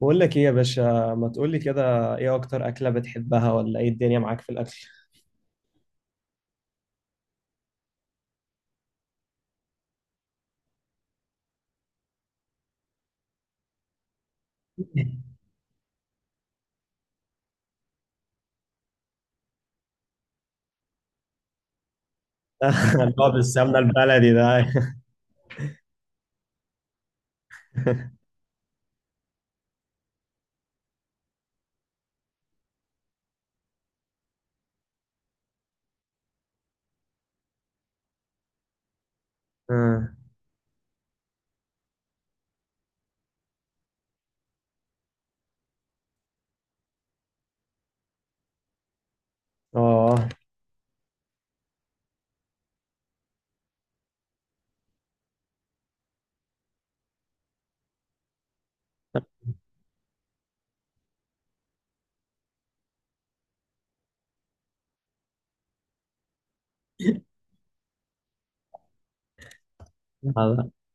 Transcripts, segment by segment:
بقول لك ايه يا باشا؟ ما تقول لي كده، ايه اكتر اكله بتحبها، ولا ايه الدنيا معاك في الاكل؟ اللي هو بالسمنه البلدي ده. اه. آه.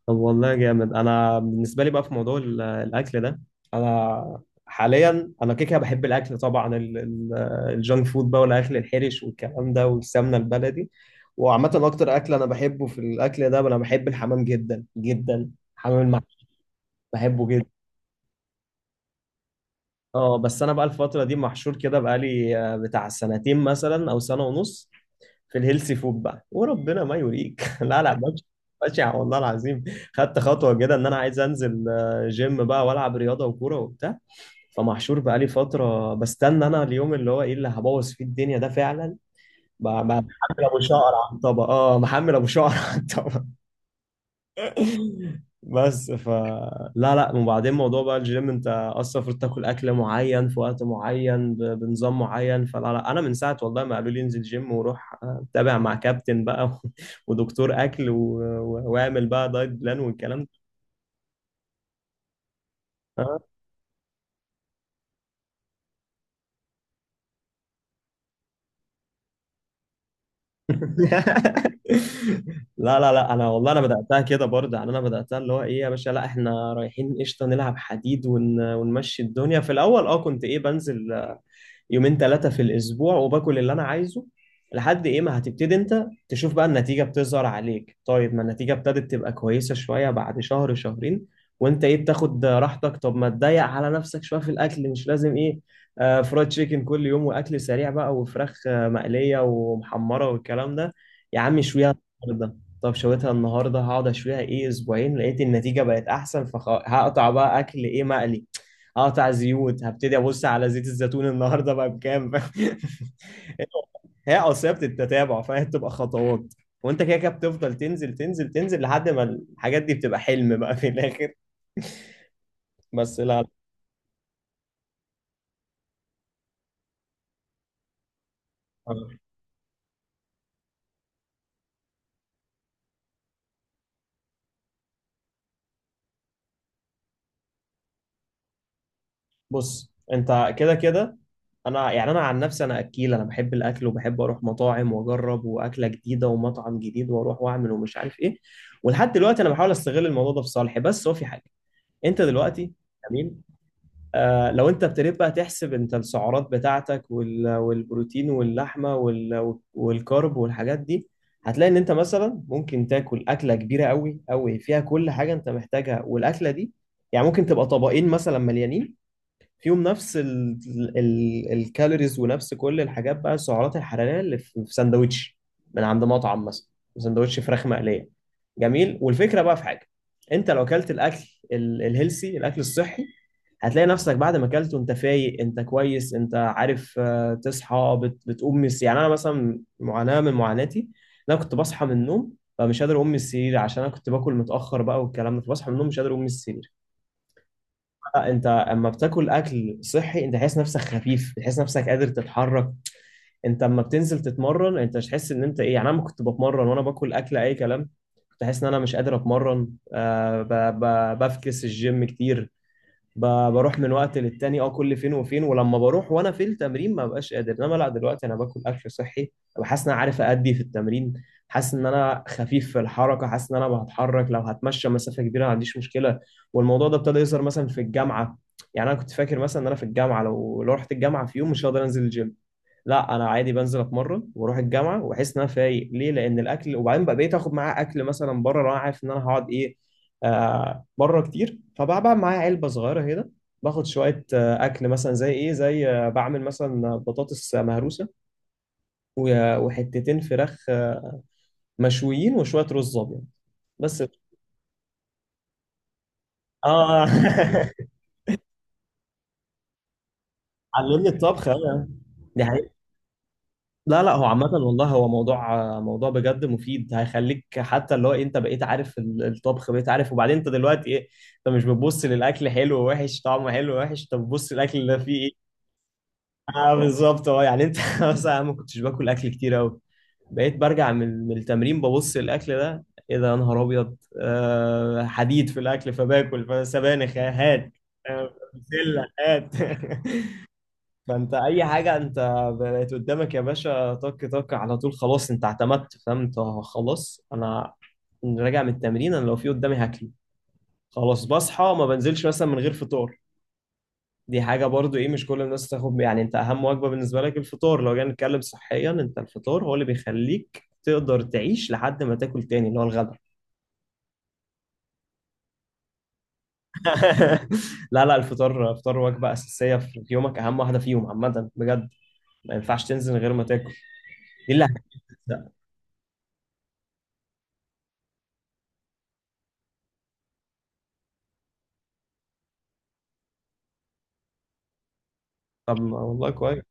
طب والله جامد. انا بالنسبه لي بقى في موضوع الاكل ده، انا حاليا انا كده كده بحب الاكل طبعا، الجانك فود بقى والاكل الحرش والكلام ده والسمنه البلدي، وعامه اكتر اكل انا بحبه في الاكل ده انا بحب الحمام جدا جدا، حمام المحشي، بحبه جدا. اه بس انا بقى الفتره دي محشور كده بقالي بتاع سنتين مثلا او سنه ونص في الهيلثي فود بقى، وربنا ما يوريك. لا لا ماشي. ماشي والله العظيم، خدت خطوه كده ان انا عايز انزل جيم بقى والعب رياضه وكوره وبتاع. فمحشور بقالي فتره بستنى انا اليوم اللي هو ايه، اللي هبوظ فيه الدنيا ده فعلا، محمل ابو شعر على الطبق. اه محمل ابو شعر على الطبق بس لا لا، وبعدين موضوع بقى الجيم. انت اصلا المفروض تاكل اكل معين في وقت معين، بنظام معين، فلا لا، انا من ساعه والله ما قالوا لي انزل جيم وروح تابع مع كابتن بقى ودكتور اكل واعمل بقى دايت بلان والكلام ده. آه. لا لا لا، انا والله انا بداتها كده برضه، يعني انا بداتها اللي هو ايه يا باشا، لا احنا رايحين قشطه نلعب حديد ونمشي الدنيا في الاول. اه كنت ايه، بنزل يومين ثلاثة في الأسبوع وباكل اللي أنا عايزه، لحد إيه ما هتبتدي أنت تشوف بقى النتيجة بتظهر عليك. طيب ما النتيجة ابتدت تبقى كويسة شوية بعد شهر شهرين، وأنت إيه بتاخد راحتك، طب ما تضيق على نفسك شوية في الأكل، مش لازم إيه فرايد تشيكن كل يوم وأكل سريع بقى وفراخ مقلية ومحمرة والكلام ده، يا عم اشويها النهاردة. طب شويتها النهارده، هقعد اشويها ايه اسبوعين، لقيت النتيجه بقت احسن، فهقطع بقى اكل ايه مقلي، هقطع زيوت، هبتدي ابص على زيت الزيتون النهارده بقى بكام. هي اصل هي بتتتابع، فهي بتبقى خطوات، وانت كده كده بتفضل تنزل تنزل تنزل لحد ما الحاجات دي بتبقى حلم بقى في الاخر، بس لا. لا. بص انت كده كده، انا يعني انا عن نفسي انا اكيل، انا بحب الاكل وبحب اروح مطاعم واجرب واكله جديده ومطعم جديد واروح واعمل ومش عارف ايه، ولحد دلوقتي انا بحاول استغل الموضوع ده في صالحي، بس هو في حاجه. انت دلوقتي جميل. لو انت ابتديت بقى تحسب انت السعرات بتاعتك والبروتين واللحمه والكارب والحاجات دي، هتلاقي ان انت مثلا ممكن تاكل اكله كبيره قوي قوي فيها كل حاجه انت محتاجها، والاكله دي يعني ممكن تبقى طبقين مثلا مليانين، فيهم نفس ال ال الكالوريز ونفس كل الحاجات بقى، السعرات الحراريه اللي في سندوتش من عند مطعم مثلا، سندوتش فراخ مقليه. جميل. والفكره بقى في حاجه، انت لو اكلت الاكل الهيلسي، الاكل الصحي، هتلاقي نفسك بعد ما اكلت وانت فايق انت كويس، انت عارف تصحى بتقوم يعني انا مثلا معاناة من معاناتي، إن انا كنت بصحى من النوم فمش قادر اقوم من السرير عشان انا كنت باكل متاخر بقى والكلام ده، فبصحى من النوم مش قادر اقوم من السرير. لا، انت اما بتاكل اكل صحي انت تحس نفسك خفيف، بتحس نفسك قادر تتحرك، انت اما بتنزل تتمرن انت مش تحس ان انت ايه، يعني انا لما كنت بتمرن وانا باكل اكل اي كلام كنت حاسس ان انا مش قادر اتمرن. آه ب... بفكس الجيم كتير، بروح من وقت للتاني، اه كل فين وفين، ولما بروح وانا في التمرين ما ببقاش قادر. انما لا، دلوقتي انا باكل اكل صحي وحاسس ان انا عارف ادي في التمرين، حاسس ان انا خفيف في الحركه، حاسس ان انا بتحرك، لو هتمشى مسافه كبيره ما عنديش مشكله. والموضوع ده ابتدى يظهر مثلا في الجامعه، يعني انا كنت فاكر مثلا ان انا في الجامعه لو رحت الجامعه في يوم مش هقدر انزل الجيم، لا انا عادي بنزل اتمرن واروح الجامعه واحس ان انا فايق، ليه؟ لان الاكل. وبعدين بقى بقيت اخد معاه اكل مثلا بره، لو انا عارف ان انا هقعد ايه بره كتير، فبقى معايا علبه صغيره كده، باخد شويه اكل مثلا، زي ايه، زي بعمل مثلا بطاطس مهروسه وحتتين فراخ مشويين وشويه رز ابيض. بس. اه. علمني الطبخ أنا. دي لا لا، هو عامة والله هو موضوع بجد مفيد، هيخليك حتى اللي هو إيه، انت بقيت عارف الطبخ، بقيت عارف، وبعدين انت دلوقتي ايه، انت مش بتبص للاكل حلو ووحش، طعمه حلو ووحش، انت بتبص للاكل اللي فيه ايه. اه بالظبط، اه يعني انت مثلا أنا ما كنتش باكل اكل كتير قوي، بقيت برجع من التمرين ببص الاكل ده، ايه ده يا نهار ابيض، آه حديد في الاكل، فباكل فسبانخ هات، بسله هات. فانت اي حاجه انت بقت قدامك يا باشا طك طك على طول، خلاص انت اعتمدت، فاهم انت؟ خلاص انا راجع من التمرين، انا لو في قدامي هاكله. خلاص بصحى ما بنزلش مثلا من غير فطار، دي حاجه برضو ايه مش كل الناس تاخد، يعني انت اهم وجبه بالنسبه لك الفطار، لو جينا نتكلم صحيا انت الفطار هو اللي بيخليك تقدر تعيش لحد ما تاكل تاني اللي هو الغدا. لا لا الفطار، الفطار وجبه اساسيه في يومك، اهم واحده فيهم عامه بجد، ما ينفعش تنزل من غير ما تاكل، دي اللي هتبدأ. طب ما والله كويس.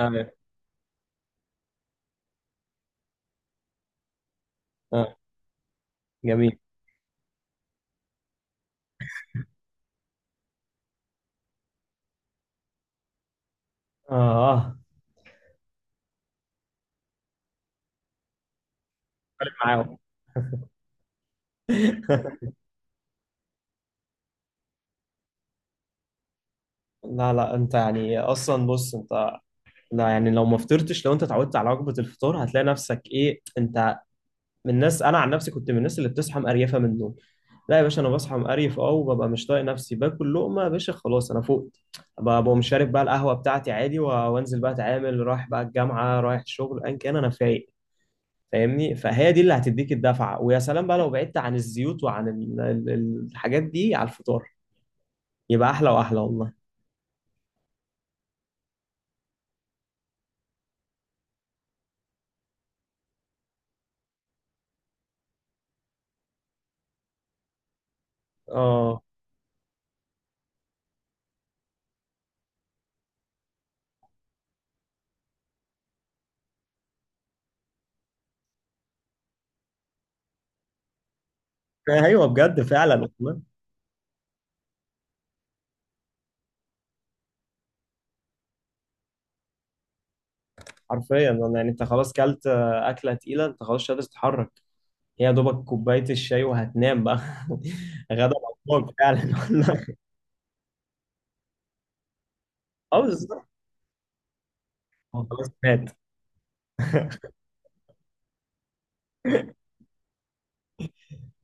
ايوه. اه. جميل. اه. معاهم. لا لا، انت يعني اصلا بص انت، لا يعني لو ما فطرتش، لو انت اتعودت على وجبه الفطار هتلاقي نفسك ايه، انت من الناس، انا عن نفسي كنت من الناس اللي بتصحى مقريفه من النوم. لا يا باشا، انا بصحى مقريف اه، وببقى مش طايق نفسي باكل لقمه يا باشا، خلاص انا فقت، ببقى مش شارب بقى القهوه بتاعتي عادي، وانزل بقى اتعامل رايح بقى الجامعه، رايح الشغل ان كان انا فايق، فاهمني؟ فهي دي اللي هتديك الدفعه، ويا سلام بقى لو بعدت عن الزيوت وعن الحاجات دي على الفطار، يبقى احلى واحلى والله. اه. ايوه بجد فعلا والله، حرفيا. أنا يعني انت خلاص كلت اكله تقيله انت خلاص مش قادر تتحرك، هي يا دوبك كوبايه الشاي وهتنام بقى. غدا بطنك فعلا والله. اه بالظبط. هو خلاص مات.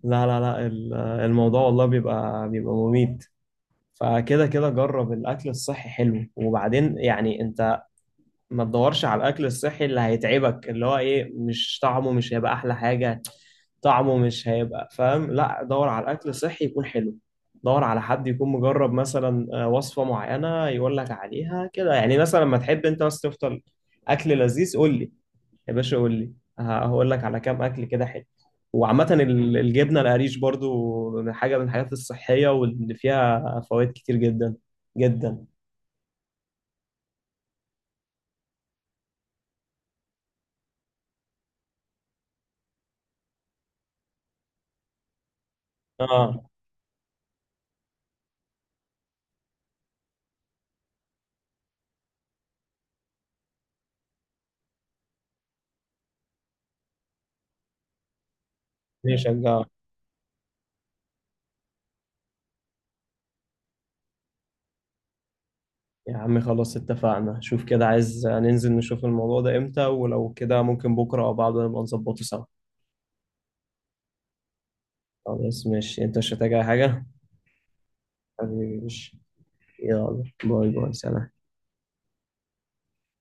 لا لا لا، الموضوع والله بيبقى مميت. فكده كده جرب الاكل الصحي، حلو، وبعدين يعني انت ما تدورش على الاكل الصحي اللي هيتعبك، اللي هو ايه مش طعمه مش هيبقى احلى حاجه، طعمه مش هيبقى، فاهم؟ لا، دور على الاكل الصحي يكون حلو، دور على حد يكون مجرب مثلا وصفه معينه يقول لك عليها كده، يعني مثلا لما تحب انت بس تفطر اكل لذيذ قول لي يا باشا، قول لي، هقول لك على كام اكل كده حلو. وعامة الجبنة القريش برضو من حاجة من الحاجات الصحية واللي فيها فوائد كتير جدا جدا. اه. بيشجعك. يا عم خلاص اتفقنا، شوف كده عايز ننزل نشوف الموضوع ده امتى، ولو كده ممكن بكرة او بعده نبقى نظبطه سوا. خلاص ماشي، انت مش هتحتاج اي حاجة. حبيبي ماشي. يلا باي باي سلام.